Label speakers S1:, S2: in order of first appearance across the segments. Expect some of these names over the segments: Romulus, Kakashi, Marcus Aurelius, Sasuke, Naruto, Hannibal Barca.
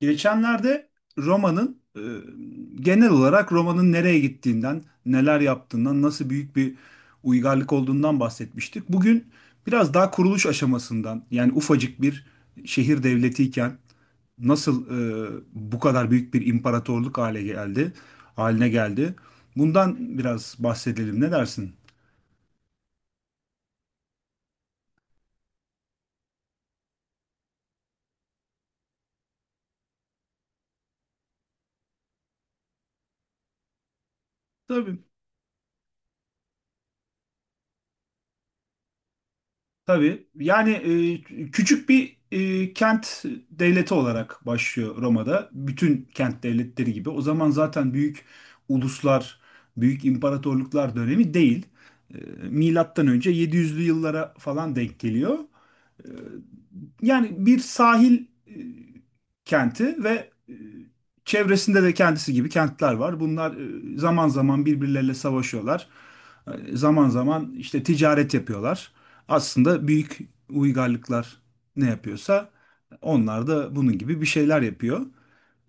S1: Geçenlerde Roma'nın e, genel olarak Roma'nın nereye gittiğinden, neler yaptığından, nasıl büyük bir uygarlık olduğundan bahsetmiştik. Bugün biraz daha kuruluş aşamasından, yani ufacık bir şehir devletiyken nasıl bu kadar büyük bir imparatorluk haline geldi. Bundan biraz bahsedelim. Ne dersin? Tabii. Tabii. Yani küçük bir kent devleti olarak başlıyor Roma'da. Bütün kent devletleri gibi. O zaman zaten büyük uluslar, büyük imparatorluklar dönemi değil. E, Milattan önce 700'lü yıllara falan denk geliyor. E, Yani bir sahil kenti ve çevresinde de kendisi gibi kentler var. Bunlar zaman zaman birbirleriyle savaşıyorlar. Zaman zaman işte ticaret yapıyorlar. Aslında büyük uygarlıklar ne yapıyorsa onlar da bunun gibi bir şeyler yapıyor.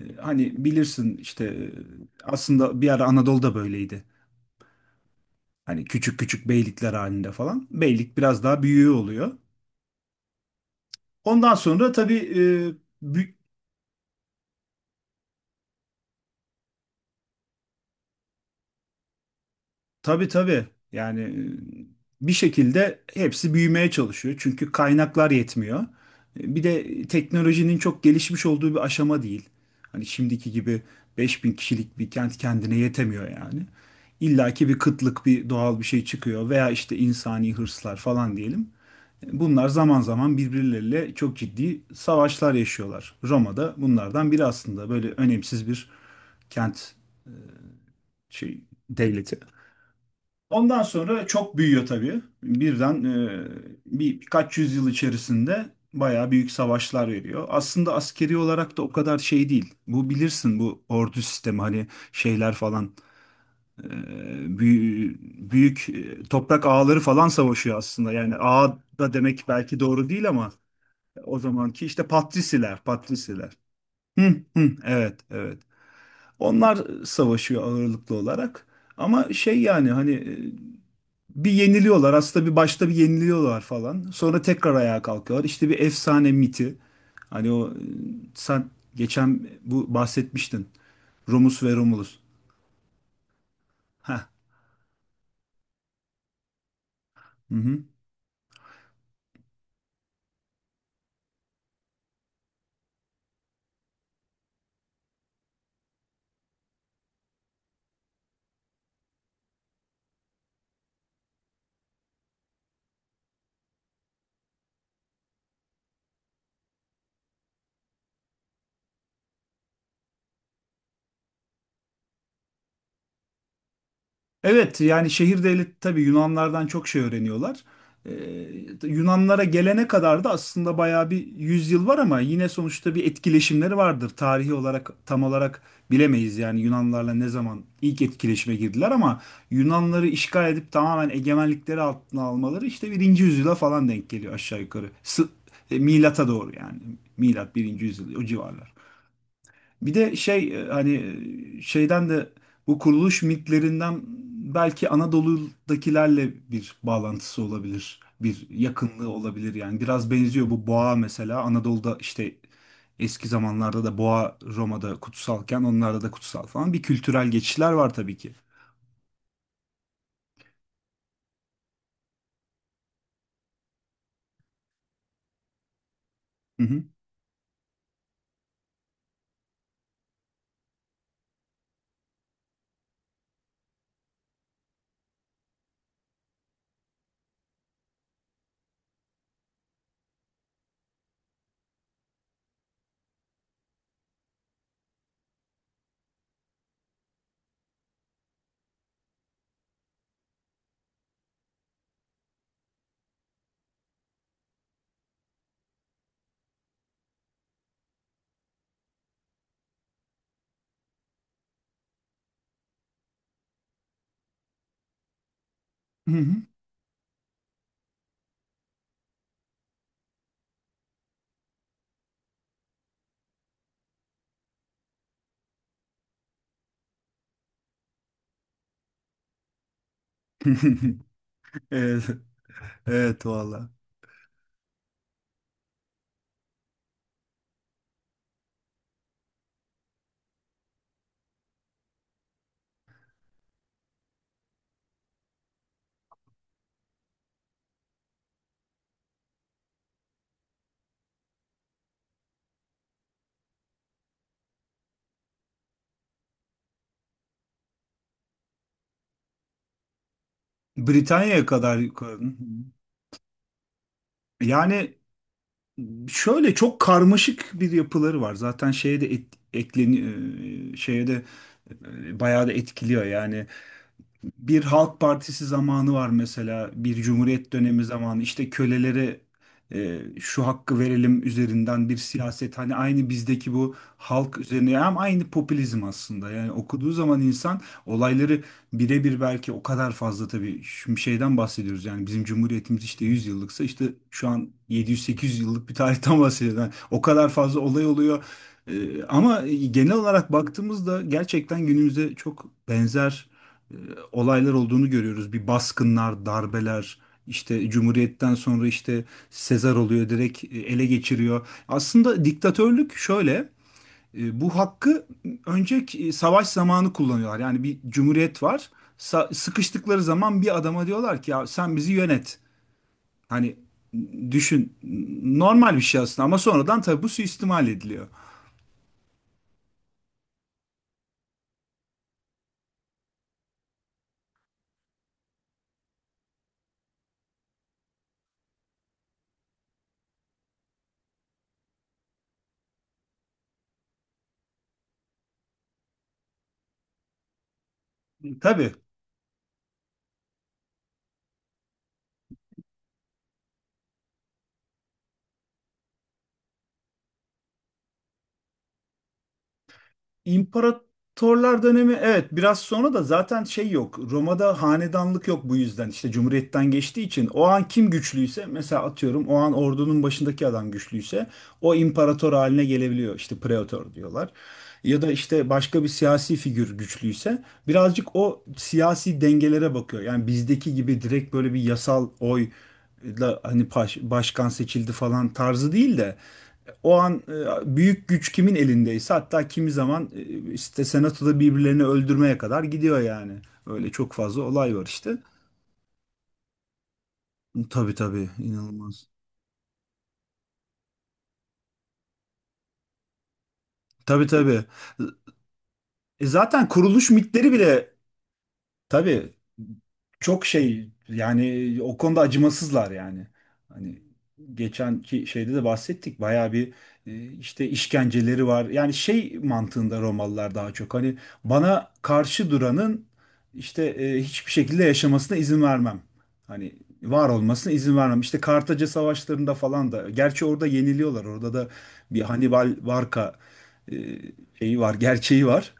S1: Hani bilirsin işte aslında bir ara Anadolu'da böyleydi. Hani küçük küçük beylikler halinde falan. Beylik biraz daha büyüğü oluyor. Ondan sonra tabii bü- Tabii tabii. Yani bir şekilde hepsi büyümeye çalışıyor. Çünkü kaynaklar yetmiyor. Bir de teknolojinin çok gelişmiş olduğu bir aşama değil. Hani şimdiki gibi 5.000 kişilik bir kent kendine yetemiyor yani. İlla ki bir kıtlık, bir doğal bir şey çıkıyor veya işte insani hırslar falan diyelim. Bunlar zaman zaman birbirleriyle çok ciddi savaşlar yaşıyorlar. Roma'da bunlardan biri aslında böyle önemsiz bir kent şey devleti. Ondan sonra çok büyüyor tabii. Birden birkaç yüzyıl içerisinde bayağı büyük savaşlar veriyor. Aslında askeri olarak da o kadar şey değil. Bu bilirsin bu ordu sistemi hani şeyler falan e, büyü- büyük, toprak ağaları falan savaşıyor aslında. Yani ağa da demek belki doğru değil ama o zamanki işte patrisiler, patrisiler. Hı, hı, evet, evet. Onlar savaşıyor ağırlıklı olarak. Ama şey yani hani bir yeniliyorlar. Aslında bir başta bir yeniliyorlar falan. Sonra tekrar ayağa kalkıyorlar. İşte bir efsane miti. Hani o sen geçen bu bahsetmiştin. Romus ve Romulus. Heh. Hı hı. Evet yani şehir devleti tabii Yunanlardan çok şey öğreniyorlar. Ee, Yunanlara gelene kadar da aslında bayağı bir yüzyıl var ama yine sonuçta bir etkileşimleri vardır. Tarihi olarak tam olarak bilemeyiz yani Yunanlarla ne zaman ilk etkileşime girdiler, ama Yunanları işgal edip tamamen egemenlikleri altına almaları işte birinci yüzyıla falan denk geliyor aşağı yukarı. Milata doğru yani. Milat birinci yüzyıl, o civarlar. Bir de şey hani şeyden de bu kuruluş mitlerinden belki Anadolu'dakilerle bir bağlantısı olabilir. Bir yakınlığı olabilir yani. Biraz benziyor bu boğa mesela. Anadolu'da işte eski zamanlarda da boğa, Roma'da kutsalken onlarda da kutsal falan. Bir kültürel geçişler var tabii ki. Hı hı. Hı hı. Evet, evet valla. Britanya'ya kadar yukarı. Yani şöyle çok karmaşık bir yapıları var. Zaten şeye de ekleni şeye de bayağı da etkiliyor. Yani bir Halk Partisi zamanı var mesela, bir Cumhuriyet dönemi zamanı işte kölelere şu hakkı verelim üzerinden bir siyaset, hani aynı bizdeki bu halk üzerine, hem aynı popülizm aslında yani okuduğu zaman insan olayları birebir, belki o kadar fazla tabii, şimdi şeyden bahsediyoruz yani, bizim Cumhuriyetimiz işte 100 yıllıksa işte şu an 700-800 yıllık bir tarihten bahsediyoruz. Yani o kadar fazla olay oluyor. Ama genel olarak baktığımızda gerçekten günümüzde çok benzer e, olaylar olduğunu görüyoruz. Bir baskınlar, darbeler, işte Cumhuriyet'ten sonra işte Sezar oluyor, direkt ele geçiriyor. Aslında diktatörlük şöyle, bu hakkı önceki savaş zamanı kullanıyorlar. Yani bir cumhuriyet var. Sıkıştıkları zaman bir adama diyorlar ki ya sen bizi yönet. Hani düşün, normal bir şey aslında, ama sonradan tabii bu suistimal ediliyor. Tabii. İmparatorlar dönemi, evet, biraz sonra da zaten şey yok. Roma'da hanedanlık yok, bu yüzden işte cumhuriyetten geçtiği için o an kim güçlüyse, mesela atıyorum o an ordunun başındaki adam güçlüyse o imparator haline gelebiliyor, işte pretor diyorlar. Ya da işte başka bir siyasi figür güçlüyse birazcık o siyasi dengelere bakıyor. Yani bizdeki gibi direkt böyle bir yasal oy da hani başkan seçildi falan tarzı değil de o an büyük güç kimin elindeyse, hatta kimi zaman işte senatoda birbirlerini öldürmeye kadar gidiyor yani. Öyle çok fazla olay var işte. Tabii tabii, inanılmaz. Tabii tabii. Zaten kuruluş mitleri bile. Tabii, çok şey yani, o konuda acımasızlar yani. Hani geçenki şeyde de bahsettik bayağı bir işte işkenceleri var. Yani şey mantığında Romalılar daha çok hani bana karşı duranın işte hiçbir şekilde yaşamasına izin vermem. Hani var olmasına izin vermem. İşte Kartaca savaşlarında falan da, gerçi orada yeniliyorlar. Orada da bir Hannibal Barca e, şeyi var, gerçeği var.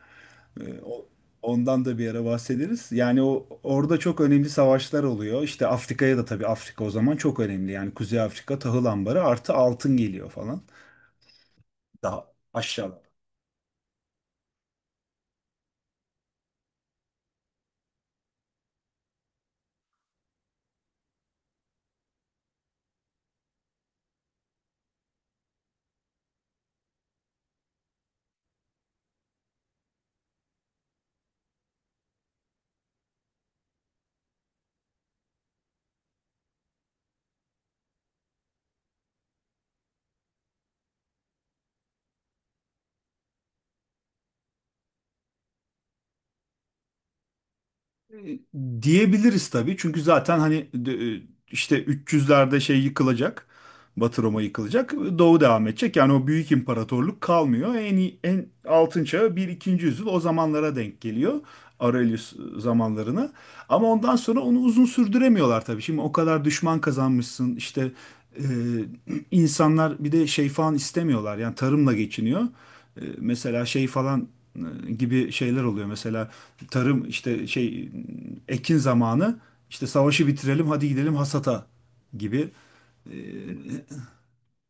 S1: Ee, o- Ondan da bir ara bahsederiz. Yani o orada çok önemli savaşlar oluyor. İşte Afrika'ya da, tabii Afrika o zaman çok önemli. Yani Kuzey Afrika tahıl ambarı, artı altın geliyor falan. Daha aşağıda. E, Diyebiliriz tabii. Çünkü zaten hani e, işte 300'lerde şey yıkılacak. Batı Roma yıkılacak. Doğu devam edecek. Yani o büyük imparatorluk kalmıyor. En altın çağı bir ikinci yüzyıl, o zamanlara denk geliyor. Aurelius zamanlarına. Ama ondan sonra onu uzun sürdüremiyorlar tabii. Şimdi o kadar düşman kazanmışsın. İşte e, insanlar bir de şey falan istemiyorlar. Yani tarımla geçiniyor. Mesela şey falan gibi şeyler oluyor. Mesela tarım işte şey ekin zamanı, işte savaşı bitirelim hadi gidelim hasata gibi.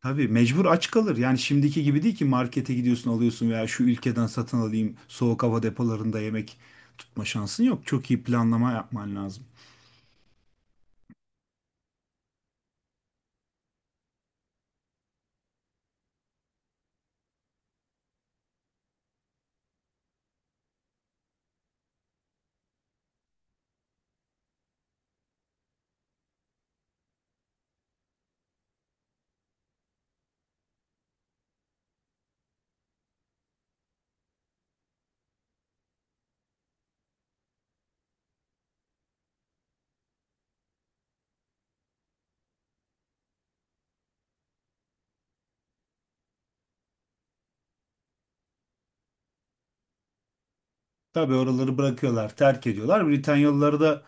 S1: Tabii mecbur aç kalır. Yani şimdiki gibi değil ki, markete gidiyorsun alıyorsun veya şu ülkeden satın alayım, soğuk hava depolarında yemek tutma şansın yok. Çok iyi planlama yapman lazım. Tabii oraları bırakıyorlar, terk ediyorlar. Britanyalıları da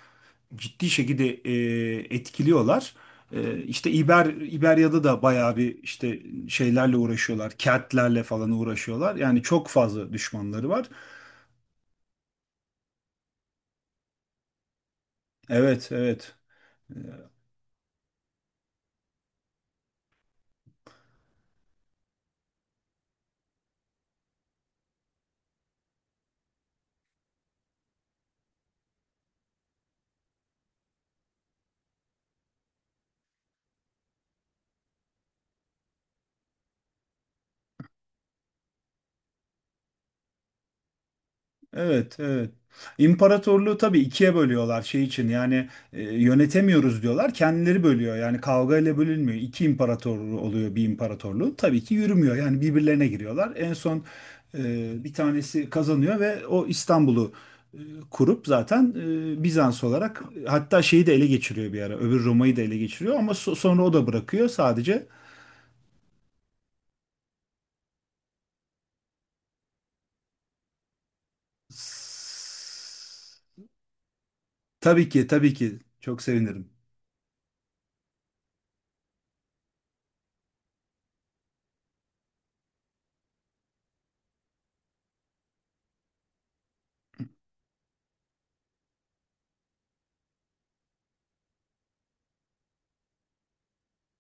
S1: ciddi şekilde etkiliyorlar. İşte İberya'da da bayağı bir işte şeylerle uğraşıyorlar. Keltlerle falan uğraşıyorlar. Yani çok fazla düşmanları var. Evet, evet. Evet, evet. İmparatorluğu tabii ikiye bölüyorlar şey için, yani yönetemiyoruz diyorlar, kendileri bölüyor yani, kavga ile bölünmüyor, iki imparatorluğu oluyor, bir imparatorluğu tabii ki yürümüyor yani, birbirlerine giriyorlar, en son bir tanesi kazanıyor ve o İstanbul'u e, kurup zaten Bizans olarak, hatta şeyi de ele geçiriyor bir ara, öbür Roma'yı da ele geçiriyor ama sonra o da bırakıyor, sadece. S- tabii ki tabii ki, çok sevinirim.